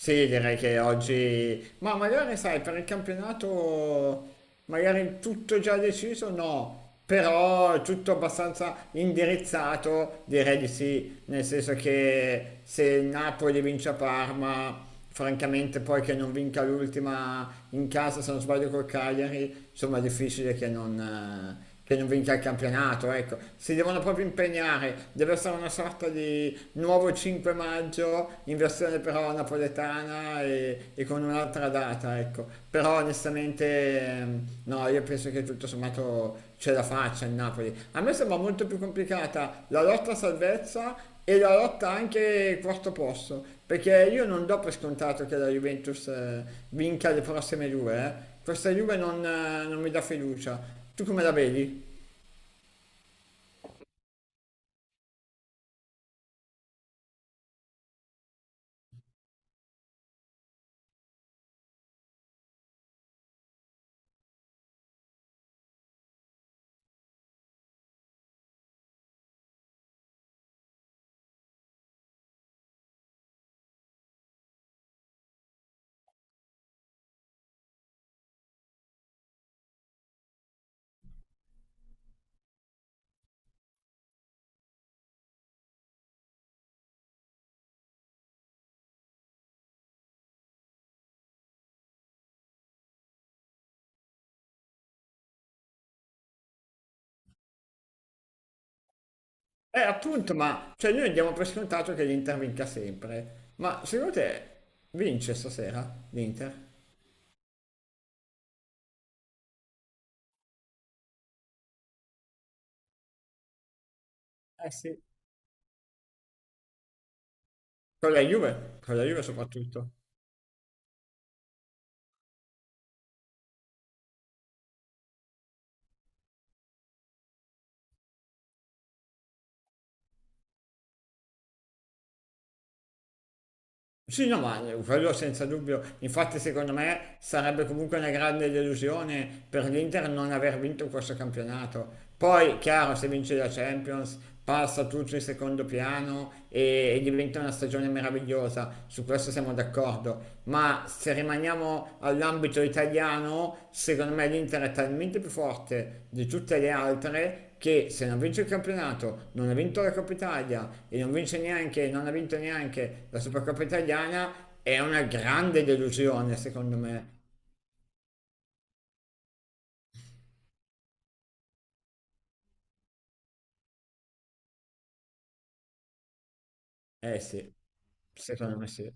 Sì, direi che oggi, ma magari sai, per il campionato magari tutto già deciso, no, però tutto abbastanza indirizzato, direi di sì, nel senso che se il Napoli vince a Parma francamente poi che non vinca l'ultima in casa, se non sbaglio col Cagliari, insomma è difficile che non vinca il campionato, ecco. Si devono proprio impegnare, deve essere una sorta di nuovo 5 maggio, in versione però napoletana e con un'altra data, ecco. Però onestamente no, io penso che tutto sommato ce la faccia il Napoli. A me sembra molto più complicata la lotta a salvezza e la lotta anche quarto posto, perché io non do per scontato che la Juventus vinca le prossime due, eh. Questa Juve non mi dà fiducia. Tu come la vedi? Appunto, ma cioè noi diamo per scontato che l'Inter vinca sempre. Ma secondo te vince stasera l'Inter? Eh sì. Con la Juve? Con la Juve soprattutto. Sì, no, ma quello senza dubbio. Infatti, secondo me sarebbe comunque una grande delusione per l'Inter non aver vinto questo campionato. Poi, chiaro, se vince la Champions, passa tutto in secondo piano e diventa una stagione meravigliosa. Su questo siamo d'accordo. Ma se rimaniamo all'ambito italiano, secondo me l'Inter è talmente più forte di tutte le altre che se non vince il campionato, non ha vinto la Coppa Italia e non vince neanche, non ha vinto neanche la Supercoppa Italiana, è una grande delusione, secondo me. Eh sì, secondo me sì.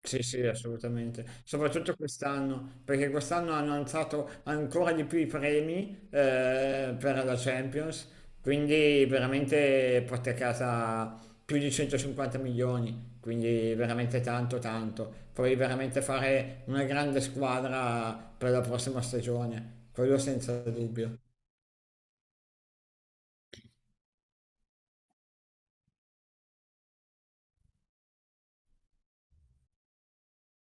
Sì, sì, assolutamente. Soprattutto quest'anno, perché quest'anno hanno alzato ancora di più i premi per la Champions, quindi veramente porta a casa più di 150 milioni, quindi veramente tanto, tanto. Puoi veramente fare una grande squadra per la prossima stagione, quello senza dubbio.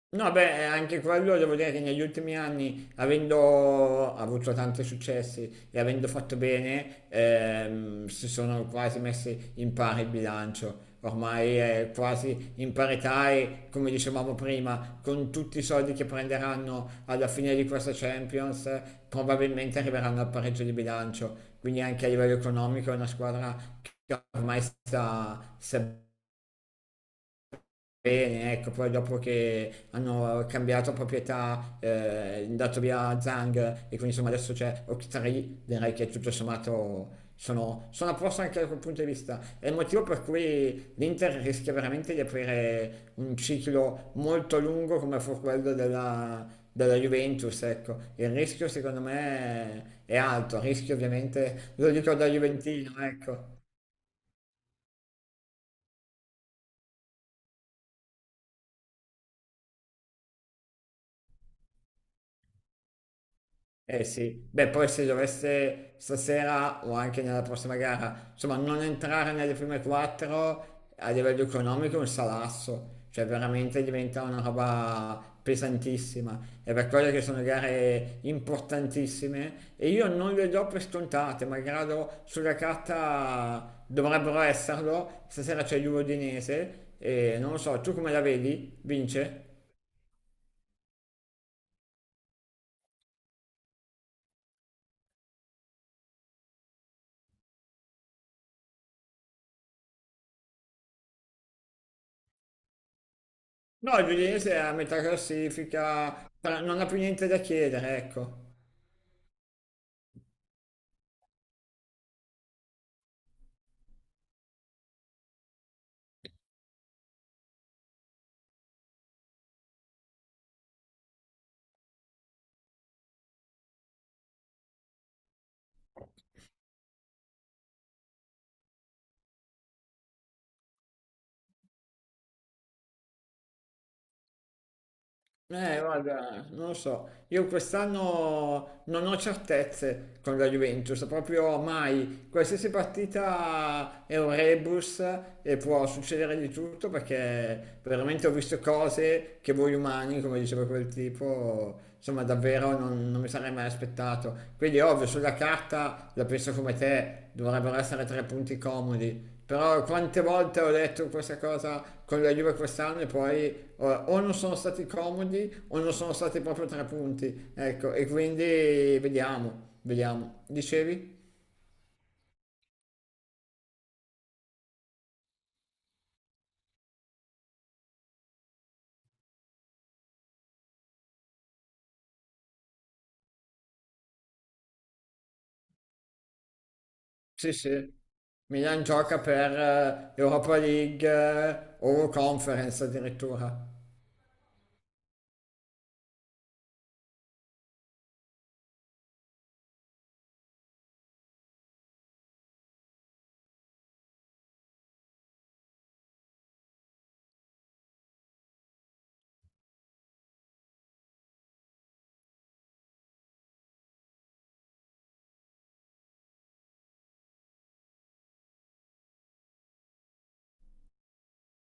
No, beh, anche quello devo dire che negli ultimi anni, avendo avuto tanti successi e avendo fatto bene, si sono quasi messi in pari il bilancio. Ormai è quasi in parità e, come dicevamo prima, con tutti i soldi che prenderanno alla fine di questa Champions, probabilmente arriveranno al pareggio di bilancio. Quindi anche a livello economico è una squadra che ormai sta bene, ecco, poi dopo che hanno cambiato proprietà, dato via Zhang e quindi insomma adesso c'è Octree, direi che tutto sommato sono a posto anche da quel punto di vista. È il motivo per cui l'Inter rischia veramente di aprire un ciclo molto lungo come fu quello della Juventus, ecco. Il rischio secondo me è alto, il rischio ovviamente, lo dico da Juventino, ecco. Eh sì, beh poi se dovesse stasera o anche nella prossima gara, insomma non entrare nelle prime quattro a livello economico è un salasso, cioè veramente diventa una roba pesantissima. È per quello che sono gare importantissime e io non le do per scontate, malgrado sulla carta dovrebbero esserlo. Stasera c'è l'Udinese e non lo so, tu come la vedi? Vince? No, il Udinese è a metà classifica, non ha più niente da chiedere, ecco. Guarda, non lo so, io quest'anno non ho certezze con la Juventus, proprio mai. Qualsiasi partita è un rebus e può succedere di tutto perché veramente ho visto cose che voi umani, come diceva quel tipo, insomma davvero non mi sarei mai aspettato. Quindi ovvio, sulla carta la penso come te, dovrebbero essere tre punti comodi. Però quante volte ho detto questa cosa con la Juve quest'anno e poi allora, o non sono stati comodi o non sono stati proprio tre punti, ecco, e quindi vediamo, vediamo. Dicevi? Sì, sì. Milan gioca per Europa League o Conference addirittura.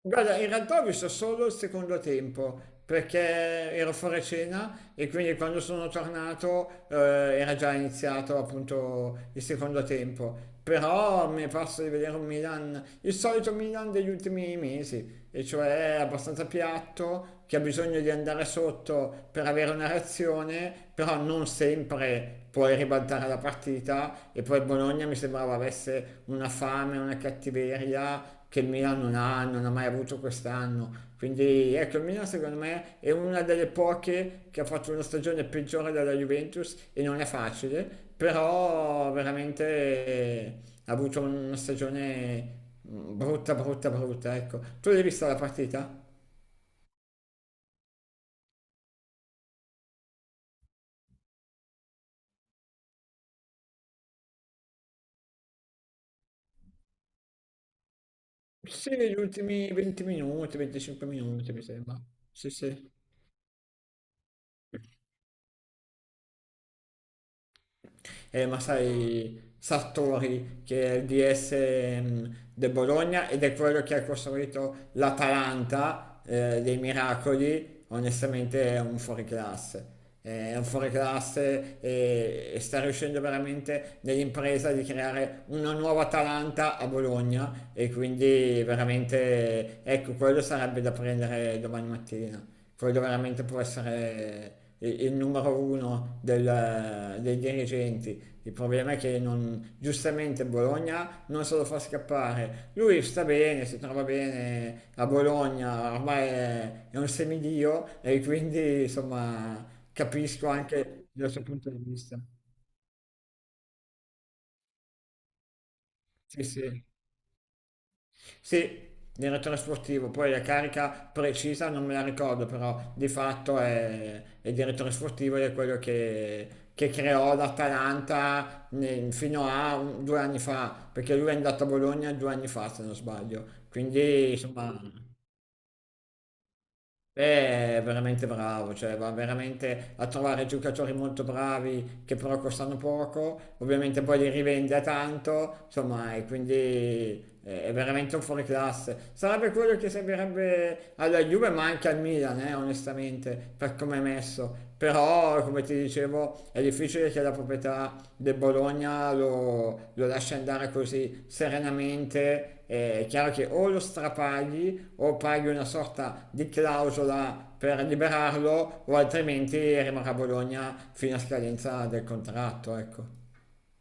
Guarda, in realtà ho visto solo il secondo tempo perché ero fuori cena e quindi quando sono tornato era già iniziato appunto il secondo tempo. Però mi è parso di vedere un Milan, il solito Milan degli ultimi mesi, e cioè è abbastanza piatto, che ha bisogno di andare sotto per avere una reazione, però non sempre puoi ribaltare la partita e poi il Bologna mi sembrava avesse una fame, una cattiveria che il Milan non ha, non ha mai avuto quest'anno. Quindi ecco, il Milan secondo me è una delle poche che ha fatto una stagione peggiore della Juventus e non è facile, però veramente ha avuto una stagione mm, brutta, brutta, brutta, ecco. Tu l'hai vista la partita? Sì, negli ultimi 20 minuti, 25 minuti, mi sembra. Sì, sì. Eh, ma sai, Sartori che è il DS del Bologna ed è quello che ha costruito l'Atalanta dei miracoli, onestamente è un fuoriclasse. È un fuoriclasse e sta riuscendo veramente nell'impresa di creare una nuova Atalanta a Bologna e quindi veramente ecco quello sarebbe da prendere domani mattina. Quello veramente può essere il numero uno dei dirigenti, il problema è che non, giustamente Bologna non se lo fa scappare. Lui sta bene, si trova bene a Bologna, ormai è un semidio e quindi insomma capisco anche dal suo punto di vista. Sì, sì. Sì, era trasportivo, poi la carica precisa non me la ricordo, però di fatto è direttore sportivo ed è quello che creò l'Atalanta fino a 2 anni fa, perché lui è andato a Bologna 2 anni fa, se non sbaglio. Quindi, insomma, beh, è veramente bravo, cioè va veramente a trovare giocatori molto bravi che però costano poco, ovviamente poi li rivende a tanto, insomma, e quindi è veramente un fuoriclasse. Sarebbe quello che servirebbe alla Juve, ma anche al Milan, onestamente, per come è messo. Però, come ti dicevo, è difficile che la proprietà del Bologna lo lascia andare così serenamente. È chiaro che o lo strapagli o paghi una sorta di clausola per liberarlo o altrimenti rimarrà a Bologna fino a scadenza del contratto. Ecco.